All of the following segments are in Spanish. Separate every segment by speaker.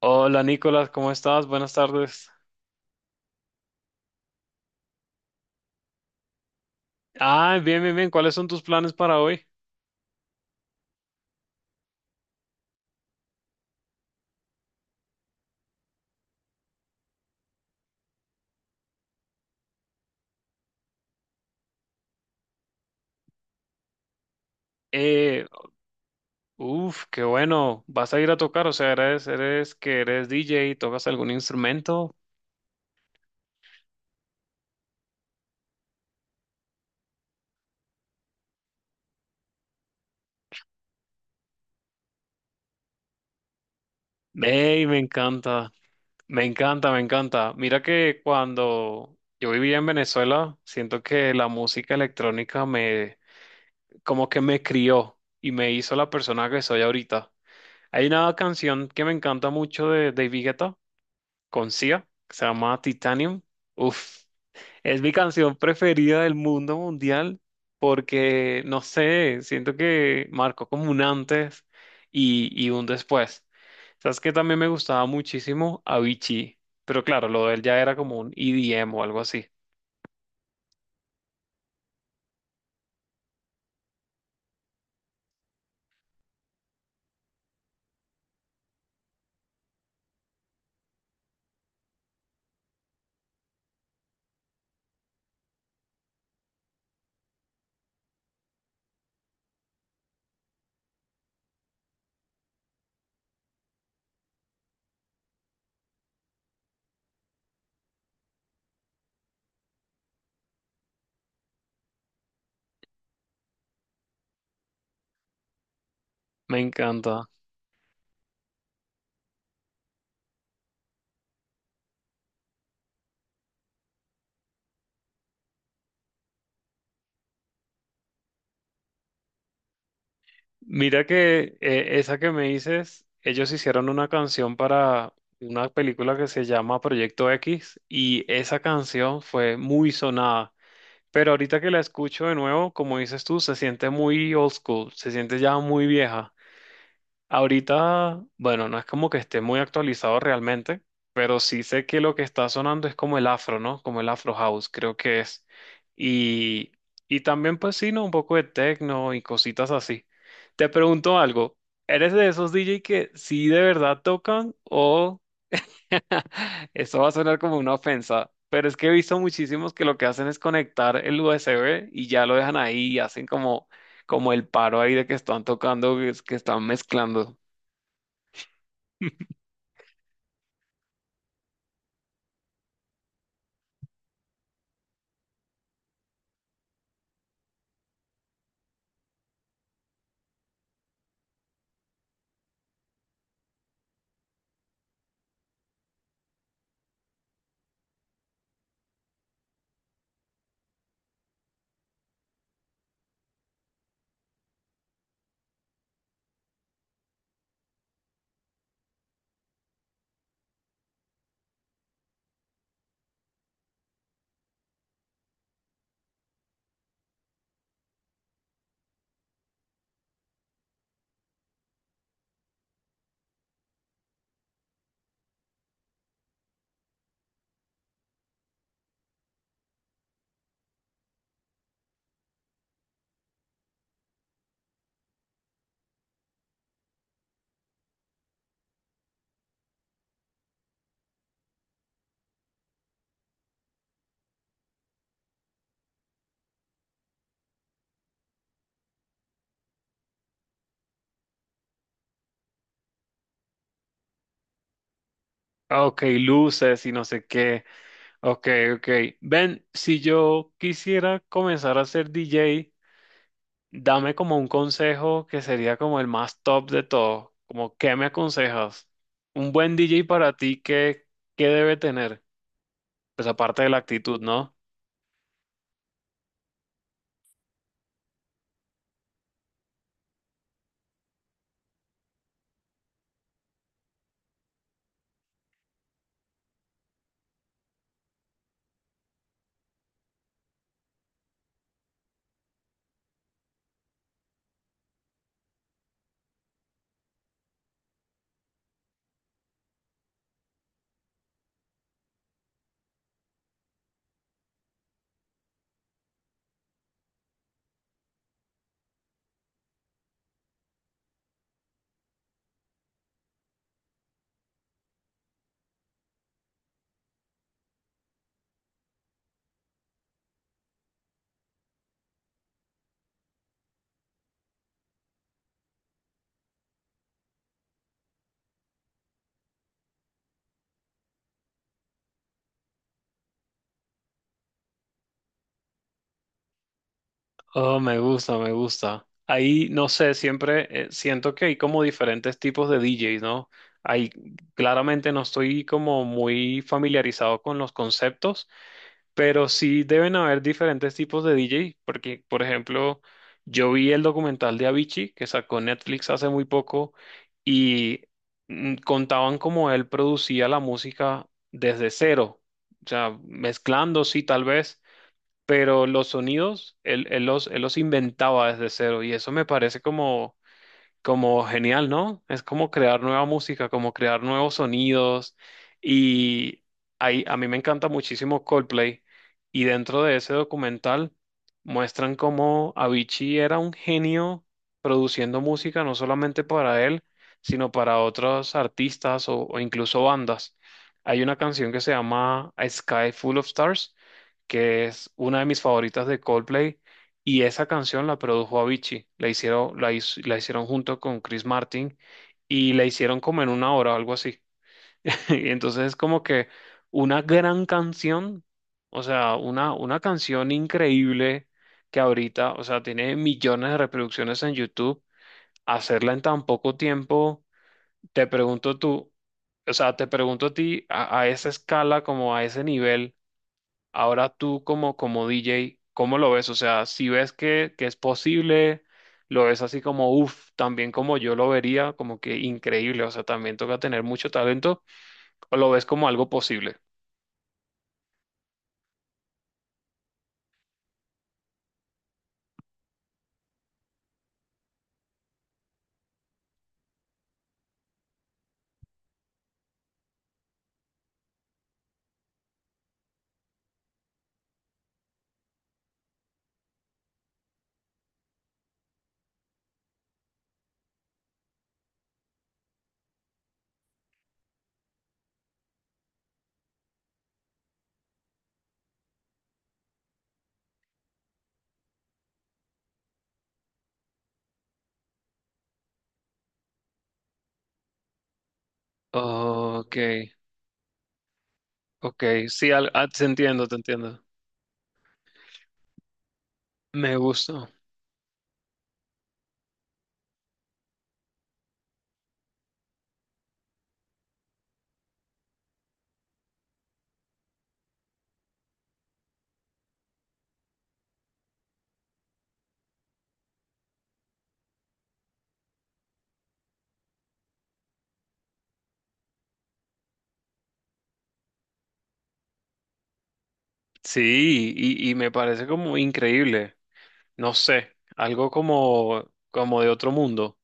Speaker 1: Hola Nicolás, ¿cómo estás? Buenas tardes. Ah, bien, bien, bien. ¿Cuáles son tus planes para hoy? Eh, uf, qué bueno. ¿Vas a ir a tocar? O sea, eres DJ, ¿tocas algún instrumento? Ey, me encanta, me encanta, me encanta. Mira que cuando yo vivía en Venezuela, siento que la música electrónica como que me crió y me hizo la persona que soy ahorita. Hay una canción que me encanta mucho de David Guetta con Sia, que se llama Titanium. Uf, es mi canción preferida del mundo mundial porque, no sé, siento que marcó como un antes y un después. Sabes que también me gustaba muchísimo Avicii, pero claro, lo de él ya era como un EDM o algo así. Me encanta. Mira que esa que me dices, ellos hicieron una canción para una película que se llama Proyecto X y esa canción fue muy sonada. Pero ahorita que la escucho de nuevo, como dices tú, se siente muy old school, se siente ya muy vieja. Ahorita, bueno, no es como que esté muy actualizado realmente, pero sí sé que lo que está sonando es como el afro, ¿no? Como el afro house, creo que es. Y, y también, pues sí, ¿no? Un poco de techno y cositas así. Te pregunto algo, ¿eres de esos DJ que sí de verdad tocan o eso va a sonar como una ofensa, pero es que he visto muchísimos que lo que hacen es conectar el USB y ya lo dejan ahí y hacen como, como el paro ahí de que están tocando, que están mezclando. Ah, ok, luces y no sé qué. Ok, ok. Ven, si yo quisiera comenzar a ser DJ, dame como un consejo que sería como el más top de todo. Como, ¿qué me aconsejas? Un buen DJ para ti, ¿qué debe tener? Pues aparte de la actitud, ¿no? Oh, me gusta, me gusta. Ahí, no sé, siempre siento que hay como diferentes tipos de DJs, ¿no? Ahí claramente no estoy como muy familiarizado con los conceptos, pero sí deben haber diferentes tipos de DJ, porque, por ejemplo, yo vi el documental de Avicii que sacó Netflix hace muy poco y mm, contaban cómo él producía la música desde cero, o sea, mezclando, sí, tal vez, pero los sonidos él los inventaba desde cero y eso me parece como, como genial, ¿no? Es como crear nueva música, como crear nuevos sonidos. Y ahí, a mí me encanta muchísimo Coldplay. Y dentro de ese documental muestran cómo Avicii era un genio produciendo música, no solamente para él, sino para otros artistas o incluso bandas. Hay una canción que se llama A Sky Full of Stars, que es una de mis favoritas de Coldplay y esa canción la produjo Avicii, la hicieron junto con Chris Martin y la hicieron como en una hora o algo así. Y entonces es como que una gran canción, o sea, una canción increíble que ahorita, o sea, tiene millones de reproducciones en YouTube, hacerla en tan poco tiempo, te pregunto tú, o sea, te pregunto a ti a esa escala, como a ese nivel. Ahora tú como, como DJ, ¿cómo lo ves? O sea, si ves que es posible, lo ves así como, uff, también como yo lo vería, como que increíble, o sea, también toca tener mucho talento, o lo ves como algo posible. Ok, ok, sí, te entiendo, te entiendo. Me gusta. Sí, y me parece como increíble, no sé, algo como, como de otro mundo.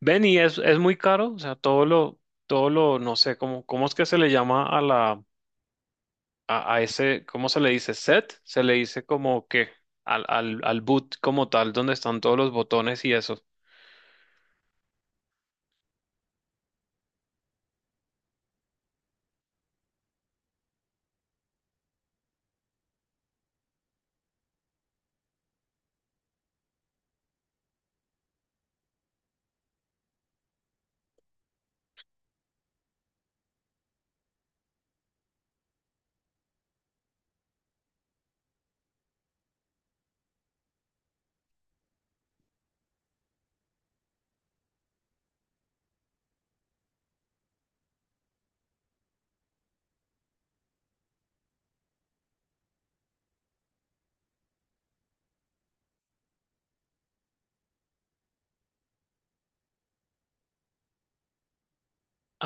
Speaker 1: Ven, es muy caro, o sea, no sé, cómo, cómo es que se le llama a la a ese, ¿cómo se le dice? Set, se le dice como que al boot como tal, donde están todos los botones y eso.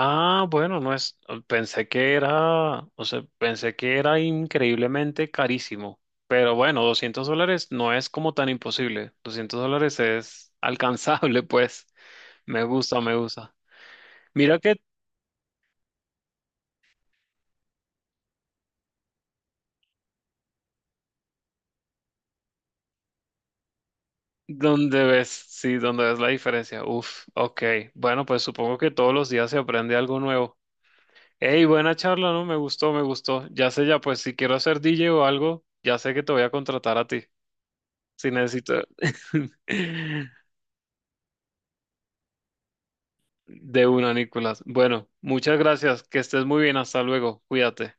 Speaker 1: Ah, bueno, no es, pensé que era, o sea, pensé que era increíblemente carísimo, pero bueno, $200 no es como tan imposible, $200 es alcanzable, pues, me gusta, me gusta. Mira que donde ves, sí, donde ves la diferencia, uf, ok, bueno, pues supongo que todos los días se aprende algo nuevo. Hey, buena charla, ¿no? Me gustó, me gustó. Ya sé, ya pues si quiero ser DJ o algo, ya sé que te voy a contratar a ti. Si necesito de una, Nicolás. Bueno, muchas gracias. Que estés muy bien. Hasta luego. Cuídate.